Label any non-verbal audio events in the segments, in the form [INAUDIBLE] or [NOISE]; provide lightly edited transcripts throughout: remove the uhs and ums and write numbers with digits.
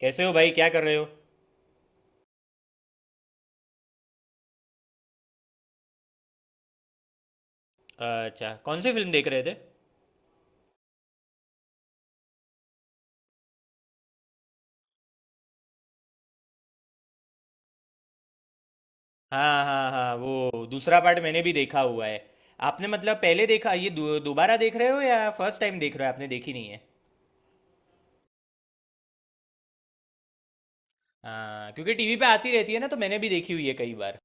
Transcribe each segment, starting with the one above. कैसे हो भाई? क्या कर रहे हो? अच्छा, कौन सी फिल्म देख रहे थे? हाँ हाँ हाँ, वो दूसरा पार्ट मैंने भी देखा हुआ है। आपने मतलब पहले देखा ये दोबारा देख रहे हो या फर्स्ट टाइम देख रहे हो? आपने देखी नहीं है? हाँ, क्योंकि टीवी पे आती रहती है ना तो मैंने भी देखी हुई है कई बार।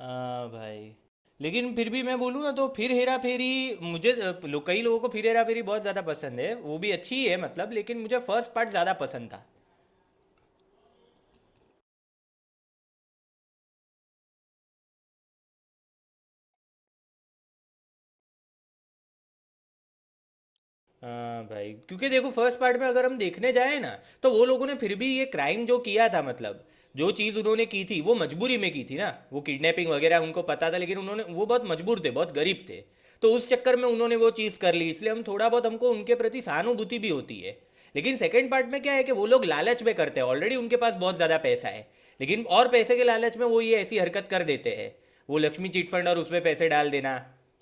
हाँ भाई। लेकिन फिर भी मैं बोलूँ ना तो फिर हेरा फेरी। मुझे कई लोगों को फिर हेरा फेरी बहुत ज़्यादा पसंद है, वो भी अच्छी है मतलब, लेकिन मुझे फर्स्ट पार्ट ज़्यादा पसंद था। हाँ भाई, क्योंकि देखो फर्स्ट पार्ट में अगर हम देखने जाए ना, तो वो लोगों ने फिर भी ये क्राइम जो किया था मतलब, जो चीज़ उन्होंने की थी वो मजबूरी में की थी ना, वो किडनैपिंग वगैरह उनको पता था, लेकिन उन्होंने वो बहुत मजबूर थे, बहुत गरीब थे। तो उस चक्कर में उन्होंने वो चीज़ कर ली, इसलिए हम थोड़ा बहुत हमको उनके प्रति सहानुभूति भी होती है। लेकिन सेकंड पार्ट में क्या है कि वो लोग लालच में करते हैं, ऑलरेडी उनके पास बहुत ज़्यादा पैसा है। लेकिन और पैसे के लालच में वो ये ऐसी हरकत कर देते हैं, वो लक्ष्मी चिट फंड, और उसमें पैसे डाल देना,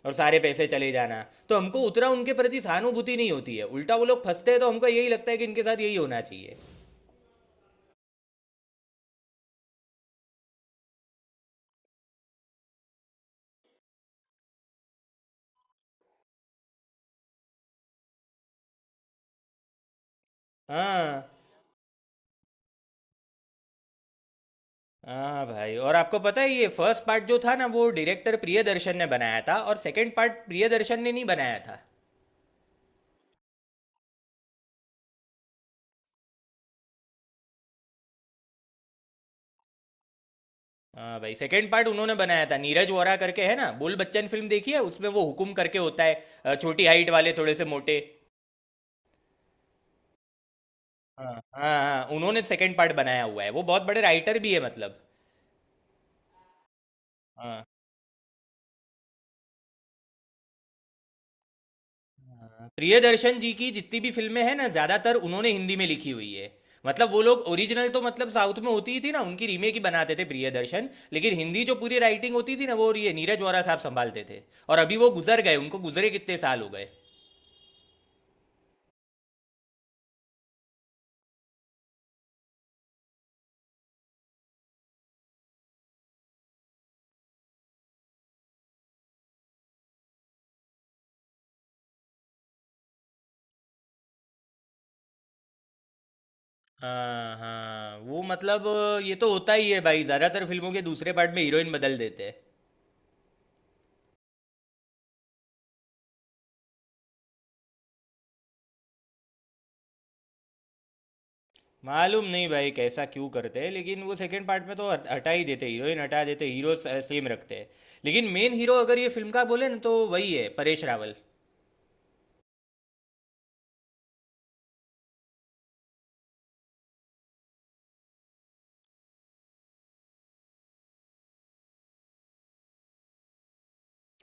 और सारे पैसे चले जाना। तो हमको उतना उनके प्रति सहानुभूति नहीं होती है, उल्टा वो लोग फंसते हैं तो हमको यही लगता है कि इनके साथ यही होना चाहिए। हाँ हाँ भाई, और आपको पता है ये फर्स्ट पार्ट जो था ना वो डायरेक्टर प्रियदर्शन ने बनाया था, और सेकंड पार्ट प्रियदर्शन ने नहीं बनाया था। हाँ भाई, सेकंड पार्ट उन्होंने बनाया था, नीरज वोरा करके है ना। बोल बच्चन फिल्म देखी है? उसमें वो हुकुम करके होता है। छोटी हाइट वाले, थोड़े से मोटे। हाँ हाँ हाँ, उन्होंने सेकंड पार्ट बनाया हुआ है, वो बहुत बड़े राइटर भी है मतलब। हाँ हाँ, प्रियदर्शन जी की जितनी भी फिल्में हैं ना, ज्यादातर उन्होंने हिंदी में लिखी हुई है। मतलब वो लोग ओरिजिनल तो मतलब साउथ में होती ही थी ना, उनकी रीमेक ही बनाते थे प्रियदर्शन, लेकिन हिंदी जो पूरी राइटिंग होती थी ना वो ये नीरज वोरा साहब संभालते थे। और अभी वो गुजर गए, उनको गुजरे कितने साल हो गए। हाँ हाँ वो मतलब। ये तो होता ही है भाई, ज्यादातर फिल्मों के दूसरे पार्ट में हीरोइन बदल देते हैं। मालूम नहीं भाई कैसा क्यों करते हैं, लेकिन वो सेकंड पार्ट में तो हटा ही देते, हीरोइन हटा देते, हीरो सेम रखते हैं। लेकिन मेन हीरो अगर ये फिल्म का बोले ना तो वही है, परेश रावल।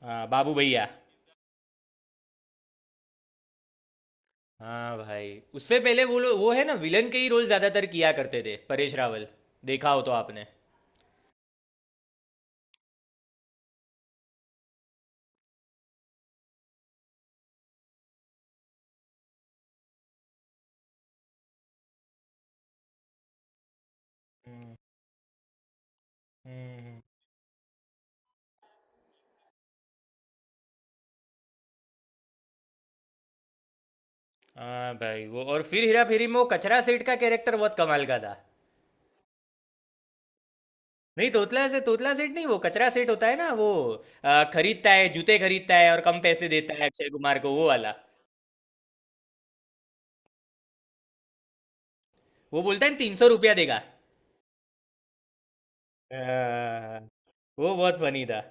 हाँ बाबू भैया। हाँ भाई। उससे पहले वो वो है ना विलन के ही रोल ज़्यादातर किया करते थे परेश रावल, देखा हो तो आपने। हम्म। हाँ भाई, वो और फिर हेरा फेरी में वो कचरा सेठ का कैरेक्टर बहुत कमाल का था। नहीं, तोतला सेठ नहीं, वो कचरा सेठ होता है ना वो, खरीदता है, जूते खरीदता है और कम पैसे देता है अक्षय कुमार को, वो वाला। वो बोलता है 300 रुपया देगा। हाँ, वो बहुत फनी था।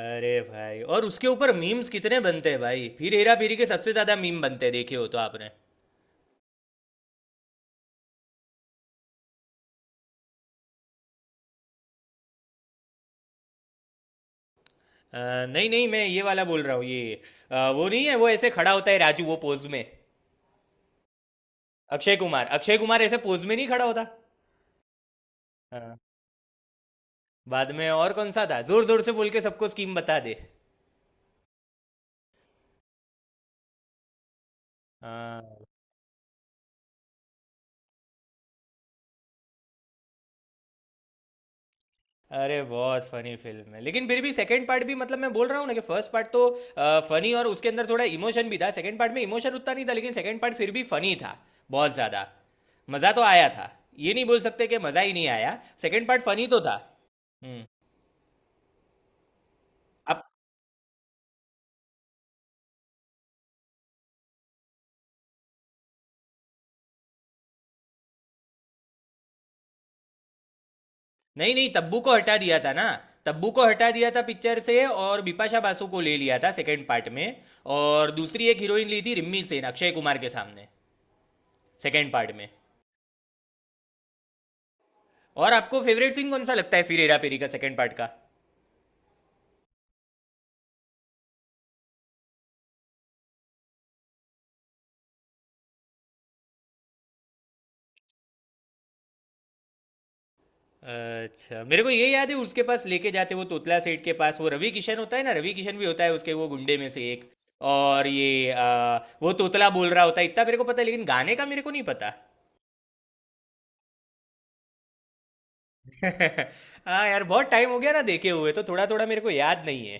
अरे भाई, और उसके ऊपर मीम्स कितने बनते हैं भाई, फिर हेरा फेरी के सबसे ज्यादा मीम बनते हैं, देखे हो तो आपने? नहीं नहीं, मैं ये वाला बोल रहा हूँ ये, वो नहीं है, वो ऐसे खड़ा होता है राजू वो पोज में। अक्षय कुमार, अक्षय कुमार ऐसे पोज में नहीं खड़ा होता। हाँ, बाद में और कौन सा था, जोर जोर से बोल के सबको स्कीम बता दे। हाँ। अरे बहुत फनी फिल्म है, लेकिन फिर भी सेकंड पार्ट भी, मतलब मैं बोल रहा हूँ ना कि फर्स्ट पार्ट तो फनी और उसके अंदर थोड़ा इमोशन भी था, सेकंड पार्ट में इमोशन उतना नहीं था, लेकिन सेकंड पार्ट फिर भी फनी था, बहुत ज़्यादा। मज़ा तो आया था, ये नहीं बोल सकते कि मज़ा ही नहीं आया, सेकंड पार्ट फनी तो था। हम्म। अब, नहीं नहीं, तब्बू को हटा दिया था ना। तब्बू को हटा दिया था पिक्चर से और बिपाशा बासु को ले लिया था सेकंड पार्ट में। और दूसरी एक हीरोइन ली थी रिम्मी सेन अक्षय कुमार के सामने, सेकंड पार्ट में। और आपको फेवरेट सीन कौन सा लगता है फिर हेरा फेरी का सेकंड पार्ट का? अच्छा, मेरे को ये याद है, उसके पास लेके जाते वो तोतला सेठ के पास, वो रवि किशन होता है ना, रवि किशन भी होता है उसके वो गुंडे में से एक। और ये वो तोतला बोल रहा होता है इतना मेरे को पता है, लेकिन गाने का मेरे को नहीं पता। [LAUGHS] हाँ यार, बहुत टाइम हो गया ना देखे हुए, तो थोड़ा थोड़ा मेरे को याद नहीं है।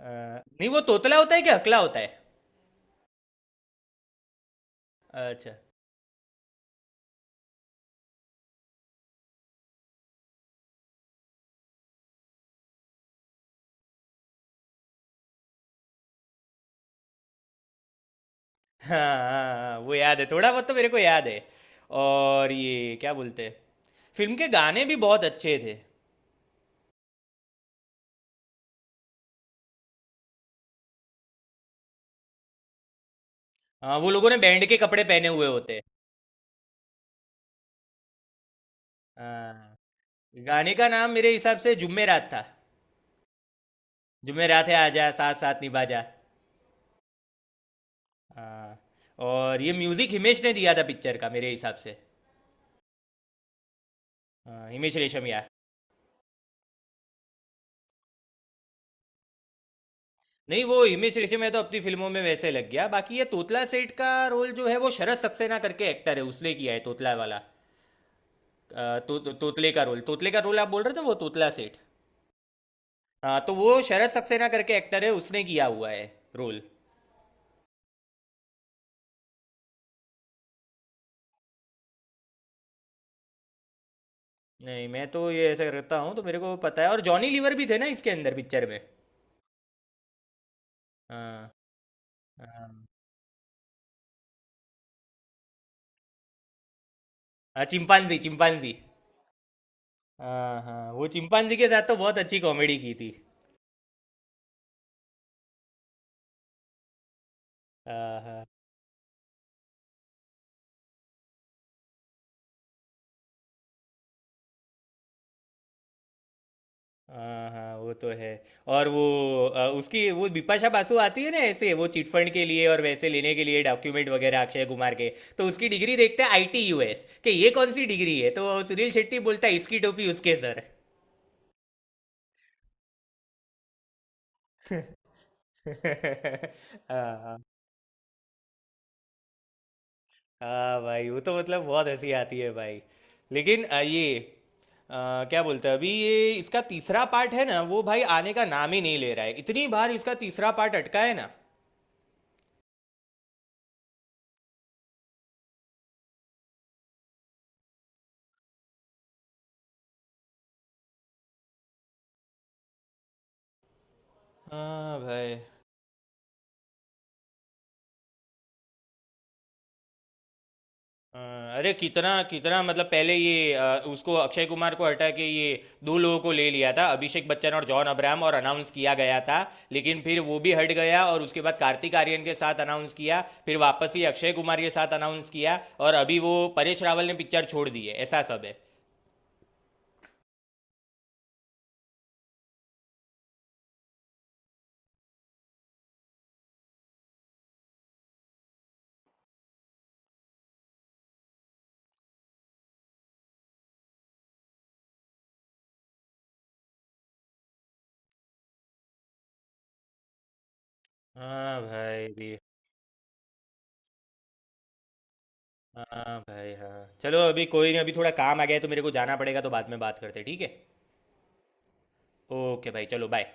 आ, नहीं, वो तोतला होता है क्या, हकला होता है? अच्छा। हाँ हाँ हाँ, वो याद है, थोड़ा बहुत तो मेरे को याद है। और ये क्या बोलते हैं, फिल्म के गाने भी बहुत अच्छे थे। हाँ, वो लोगों ने बैंड के कपड़े पहने हुए होते हैं। हाँ। गाने का नाम मेरे हिसाब से जुम्मे रात था। जुम्मे रात है, आजा साथ साथ निभा जा। हाँ। और ये म्यूजिक हिमेश ने दिया था पिक्चर का मेरे हिसाब से। हाँ, हिमेश रेशमिया। नहीं, वो हिमेश रेशमिया तो अपनी फिल्मों में वैसे लग गया, बाकी ये तोतला सेठ का रोल जो है वो शरद सक्सेना करके एक्टर है, उसने किया है तोतला वाला। तोतले का रोल, तोतले का रोल आप बोल रहे थे, वो तोतला सेठ। हाँ तो वो शरद सक्सेना करके एक्टर है, उसने किया हुआ है रोल। नहीं, मैं तो ये ऐसा करता हूँ तो मेरे को पता है। और जॉनी लीवर भी थे ना इसके अंदर पिक्चर में। हाँ। हाँ हाँ, चिंपांजी चिंपांजी। हाँ हाँ, वो चिंपांजी के साथ तो बहुत अच्छी कॉमेडी की थी। हाँ हाँ हाँ हाँ, वो तो है। और वो उसकी वो बिपाशा बासु आती है ना, ऐसे वो चिटफंड के लिए और वैसे लेने के लिए डॉक्यूमेंट वगैरह अक्षय कुमार के। तो उसकी डिग्री देखते हैं, आईटी यूएस, कि ये कौन सी डिग्री है, तो सुनील शेट्टी बोलता है इसकी टोपी उसके सर। [LAUGHS] हाँ। हाँ भाई, वो तो मतलब बहुत हंसी आती है भाई। लेकिन ये क्या बोलते हैं, अभी ये इसका तीसरा पार्ट है ना वो भाई आने का नाम ही नहीं ले रहा है, इतनी बार इसका तीसरा पार्ट अटका है ना। हाँ भाई। अ, अरे कितना कितना मतलब, पहले ये उसको अक्षय कुमार को हटा के ये दो लोगों को ले लिया था, अभिषेक बच्चन और जॉन अब्राहम, और अनाउंस किया गया था। लेकिन फिर वो भी हट गया और उसके बाद कार्तिक आर्यन के साथ अनाउंस किया। फिर वापस ही अक्षय कुमार के साथ अनाउंस किया, और अभी वो परेश रावल ने पिक्चर छोड़ दी है, ऐसा सब है। हाँ भाई भी। हाँ भाई, हाँ चलो अभी कोई नहीं, अभी थोड़ा काम आ गया है तो मेरे को जाना पड़ेगा, तो बाद में बात करते हैं, ठीक है? ओके भाई, चलो बाय।